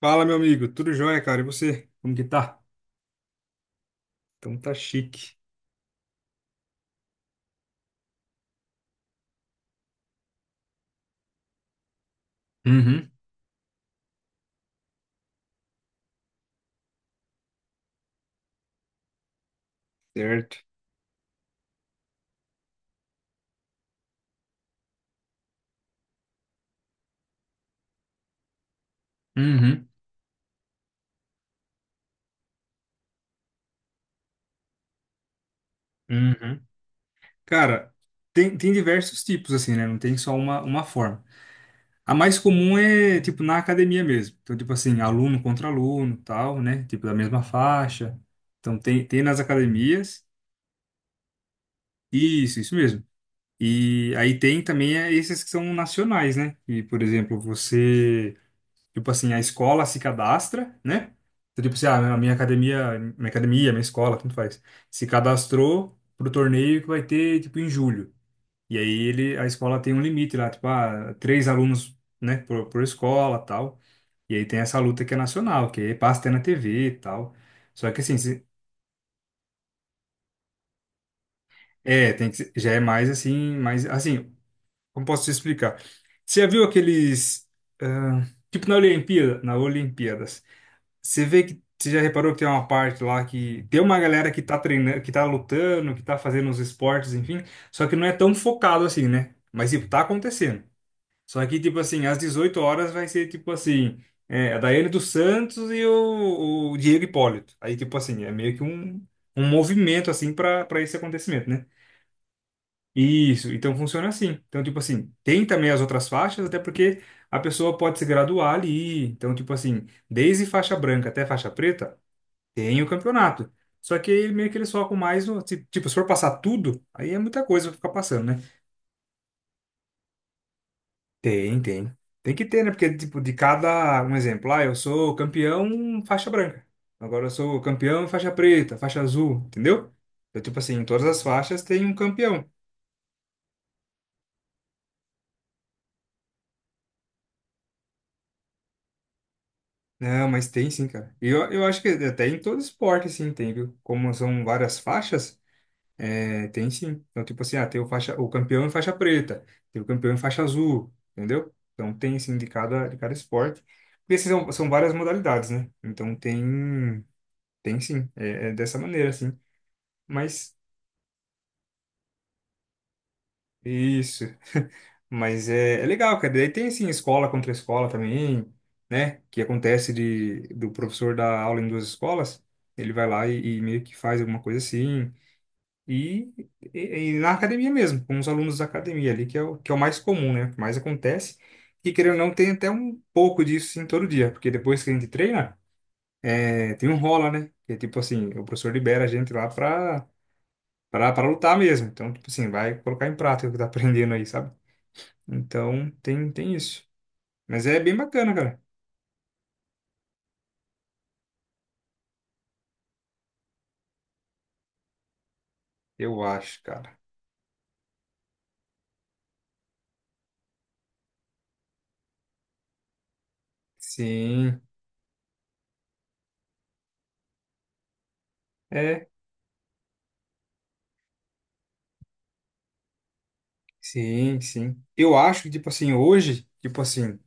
Fala, meu amigo. Tudo jóia, cara? E você? Como que tá? Então tá chique. Uhum. Certo? Uhum. Uhum. Cara, tem diversos tipos, assim, né? Não tem só uma forma. A mais comum é, tipo, na academia mesmo. Então, tipo assim, aluno contra aluno, tal, né? Tipo, da mesma faixa. Então, tem nas academias. Isso mesmo. E aí tem também esses que são nacionais, né? E, por exemplo, você... Tipo assim, a escola se cadastra, né? Então, tipo assim, a minha academia, minha escola, tanto faz, se cadastrou pro torneio que vai ter, tipo, em julho. E aí a escola tem um limite lá, tipo, três alunos, né, por escola, tal. E aí tem essa luta que é nacional, que aí passa até na TV e tal. Só que assim, tem que, já é mais assim, como posso te explicar? Você já viu aqueles, ah, tipo na Olimpíadas, você já reparou que tem uma parte lá que tem uma galera que tá treinando, que tá lutando, que tá fazendo os esportes, enfim, só que não é tão focado assim, né? Mas tipo, tá acontecendo. Só que tipo assim, às 18h vai ser tipo assim, a Daiane dos Santos e o Diego Hipólito. Aí tipo assim, é meio que um movimento assim para esse acontecimento, né? Isso, então funciona assim. Então tipo assim, tem também as outras faixas, até porque a pessoa pode se graduar ali. Então tipo assim, desde faixa branca até faixa preta tem o campeonato. Só que aí meio que eles focam mais no. Tipo, se for passar tudo, aí é muita coisa pra ficar passando, né? Tem, tem. Tem que ter, né? Porque, tipo, de cada. Um exemplo, eu sou campeão faixa branca. Agora eu sou campeão faixa preta, faixa azul, entendeu? Então, tipo assim, em todas as faixas tem um campeão. Não, mas tem sim, cara. E eu acho que até em todo esporte, assim, tem, viu? Como são várias faixas. É, tem sim. Então, tipo assim, tem o campeão em faixa preta, tem o campeão em faixa azul, entendeu? Então tem assim de cada esporte. Porque esses são várias modalidades, né? Então tem sim, é dessa maneira, assim. Mas isso, mas é legal, cara. Daí tem assim, escola contra escola também, né? Que acontece de do professor dar aula em duas escolas, ele vai lá e meio que faz alguma coisa assim. E, e na academia mesmo, com os alunos da academia ali, que é o mais comum, né? O que mais acontece. E querendo ou não, tem até um pouco disso em todo dia, porque depois que a gente treina, tem um rola, né? Que é tipo assim, o professor libera a gente lá pra lutar mesmo. Então, tipo assim, vai colocar em prática o que tá aprendendo aí, sabe? Então, tem isso. Mas é bem bacana, cara. Eu acho, cara. Sim. É. Sim, sim. Eu acho que, tipo assim, hoje, tipo assim,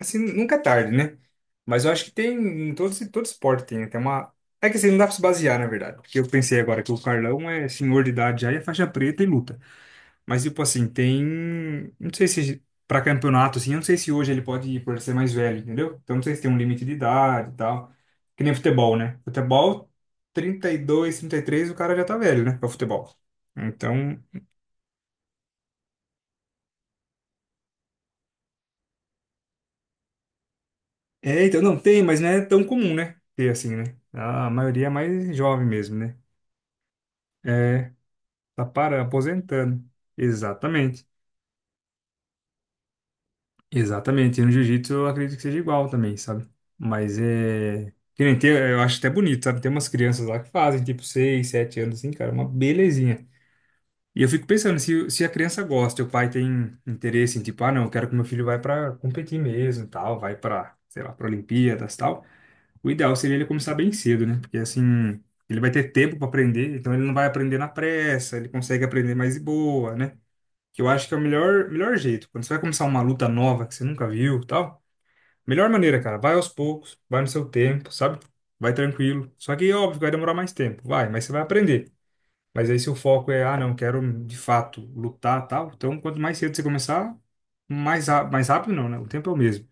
assim, nunca é tarde, né? Mas eu acho que tem, em todo esporte tem, né? Tem uma... É que assim, não dá pra se basear, na verdade. Porque eu pensei agora que o Carlão é senhor de idade já e é faixa preta e luta. Mas, tipo assim, tem... Não sei se pra campeonato, assim, eu não sei se hoje ele pode ir por ser mais velho, entendeu? Então, não sei se tem um limite de idade e tal. Que nem futebol, né? Futebol, 30 32 33 o cara já tá velho, né? Pra futebol. Então... É, então, não, tem, mas não é tão comum, né? Ter assim, né? A maioria é mais jovem mesmo, né? É, tá para aposentando. Exatamente. Exatamente. E no jiu-jitsu eu acredito que seja igual também, sabe? Mas é. Que nem tem, eu acho até bonito, sabe? Tem umas crianças lá que fazem, tipo, 6 7 anos, assim, cara, é uma belezinha. E eu fico pensando, se a criança gosta, e o pai tem interesse em, tipo, não, eu quero que meu filho vá pra competir mesmo, e tal, vai pra, sei lá, pra Olimpíadas, e tal. O ideal seria ele começar bem cedo, né? Porque assim, ele vai ter tempo para aprender, então ele não vai aprender na pressa, ele consegue aprender mais de boa, né? Que eu acho que é o melhor jeito. Quando você vai começar uma luta nova que você nunca viu, e tal, melhor maneira, cara, vai aos poucos, vai no seu tempo, sabe? Vai tranquilo. Só que óbvio vai demorar mais tempo, vai, mas você vai aprender. Mas aí se o foco é, não, quero de fato lutar, tal, então quanto mais cedo você começar, mais rápido não, né? O tempo é o mesmo.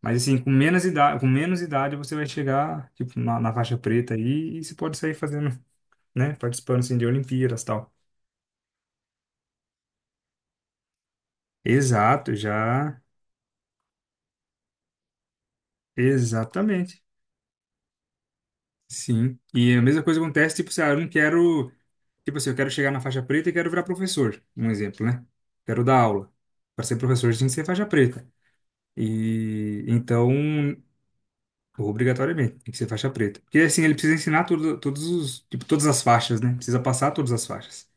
Mas assim, com menos idade você vai chegar, tipo, na faixa preta aí e você pode sair fazendo, né? Participando, assim, de Olimpíadas e tal. Exato, já. Exatamente. Sim. E a mesma coisa acontece, tipo, se eu não quero... Tipo assim, eu quero chegar na faixa preta e quero virar professor. Um exemplo, né? Quero dar aula. Para ser professor, tem que ser faixa preta. E então, obrigatoriamente, tem que ser faixa preta. Porque assim, ele precisa ensinar tudo, tipo, todas as faixas, né? Precisa passar todas as faixas.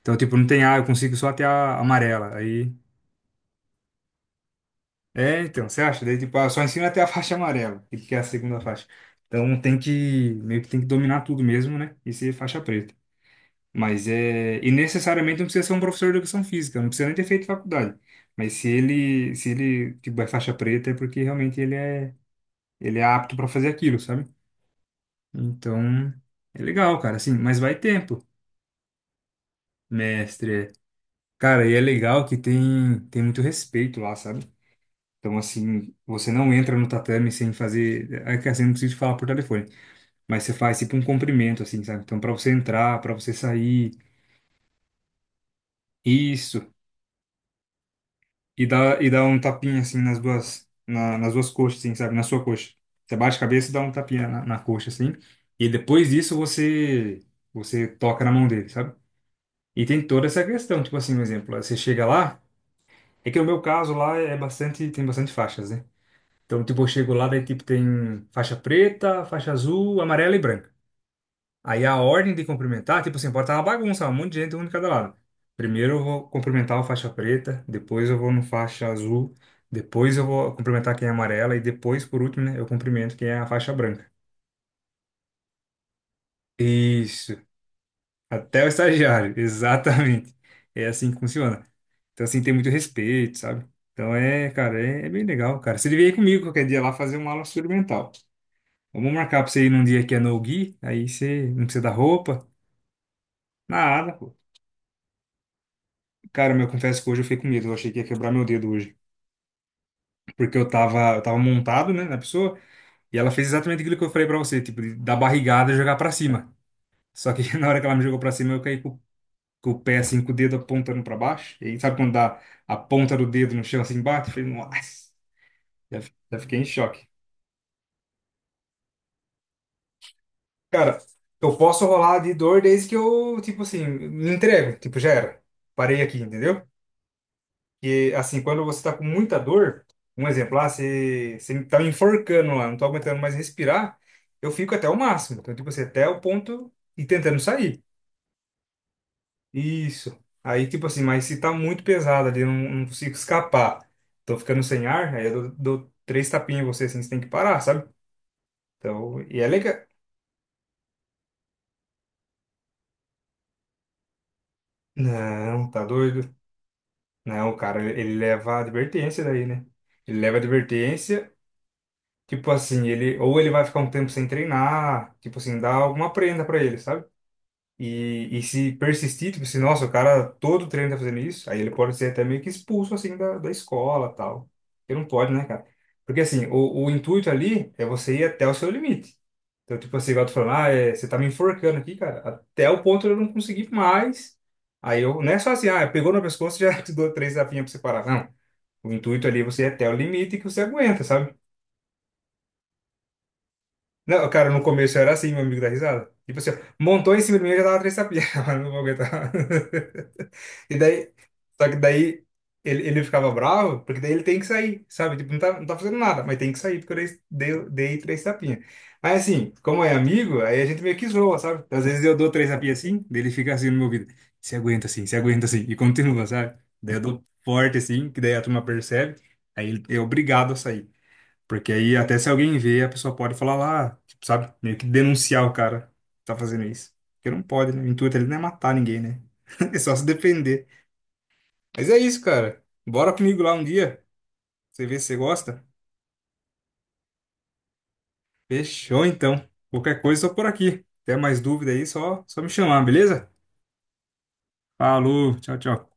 Então, tipo, não tem A, eu consigo só até a amarela. Aí. É, então, você acha? Daí, tipo, só ensina até a faixa amarela, que é a segunda faixa. Então, meio que tem que dominar tudo mesmo, né? E ser faixa preta. Mas é. E necessariamente não precisa ser um professor de educação física, não precisa nem ter feito faculdade. Mas se ele, tipo, é faixa preta, é porque realmente ele é apto para fazer aquilo, sabe? Então, é legal, cara, assim, mas vai tempo, mestre. Cara, e é legal que tem muito respeito lá, sabe? Então, assim, você não entra no tatame sem fazer. É que assim, não preciso falar por telefone, mas você faz tipo um cumprimento, assim, sabe? Então, pra você entrar, pra você sair, isso. E dá um tapinha, assim, nas duas coxas, assim, sabe? Na sua coxa. Você bate a cabeça e dá um tapinha na coxa, assim. E depois disso, você toca na mão dele, sabe? E tem toda essa questão, tipo assim, um exemplo, você chega lá. É que no meu caso lá é bastante, tem bastante faixas, né? Então, tipo, eu chego lá, daí, tipo, tem faixa preta, faixa azul, amarela e branca. Aí a ordem de cumprimentar, tipo assim, pode estar uma bagunça, um monte de gente, um de cada lado. Primeiro eu vou cumprimentar a faixa preta, depois eu vou no faixa azul, depois eu vou cumprimentar quem é amarela e depois, por último, né, eu cumprimento quem é a faixa branca. Isso. Até o estagiário, exatamente. É assim que funciona. Então, assim, tem muito respeito, sabe? Então, cara, é bem legal, cara. Você devia ir comigo qualquer dia lá fazer uma aula experimental. Vamos marcar pra você ir num dia que é no-gi, aí você não precisa da roupa, nada, pô. Cara, meu, eu confesso que hoje eu fiquei com medo, eu achei que ia quebrar meu dedo hoje. Porque eu tava montado, né, na pessoa, e ela fez exatamente aquilo que eu falei pra você, tipo, de dar barrigada e jogar pra cima. Só que na hora que ela me jogou pra cima, eu caí com o pé, assim, com o dedo apontando pra baixo. E aí, sabe quando dá a ponta do dedo no chão, assim, bate? Eu falei, nossa, já fiquei em choque. Cara, eu posso rolar de dor desde que eu, tipo assim, me entrego, tipo, já era. Parei aqui, entendeu? Que, assim, quando você está com muita dor, um exemplo, lá, você tá me enforcando lá, não tô aguentando mais respirar, eu fico até o máximo. Então, tipo assim, até o ponto e tentando sair. Isso. Aí, tipo assim, mas se tá muito pesado ali, eu não consigo escapar, tô ficando sem ar, aí eu dou três tapinhas em você, assim, você tem que parar, sabe? Então, e é legal. Não, tá doido? Não, cara, ele leva advertência daí, né? Ele leva advertência. Tipo assim, ele vai ficar um tempo sem treinar, tipo assim, dá alguma prenda pra ele, sabe? E se persistir, tipo assim, nossa, o cara todo treino tá fazendo isso, aí ele pode ser até meio que expulso assim da escola, tal. Porque não pode, né, cara? Porque assim, o intuito ali é você ir até o seu limite. Então, tipo assim, igual tu falando, você tá me enforcando aqui, cara, até o ponto de eu não conseguir mais. Não é só assim, pegou no pescoço, já te dou três tapinhas pra você parar. Não. O intuito ali é você ir até o limite que você aguenta, sabe? Não, cara, no começo era assim, meu amigo da risada. Tipo assim, ó, montou em cima de mim, eu já tava três tapinhas, mas não vou aguentar. E daí, só que daí ele ficava bravo, porque daí ele tem que sair, sabe? Tipo, não tá fazendo nada, mas tem que sair, porque eu dei três tapinhas. Mas assim, como é amigo, aí a gente meio que zoa, sabe? Às vezes eu dou três tapinhas assim, daí ele fica assim no meu ouvido, se aguenta assim, se aguenta assim, e continua, sabe? Daí eu dou forte assim, que daí a turma percebe, aí ele é obrigado a sair. Porque aí até se alguém vê, a pessoa pode falar lá, tipo, sabe? Meio que denunciar o cara que tá fazendo isso. Porque não pode, né? O intuito ali não é matar ninguém, né? É só se defender. Mas é isso, cara. Bora comigo lá um dia. Você vê se você gosta. Fechou, então. Qualquer coisa, só por aqui. Até mais dúvida aí, só me chamar, beleza? Falou, tchau, tchau.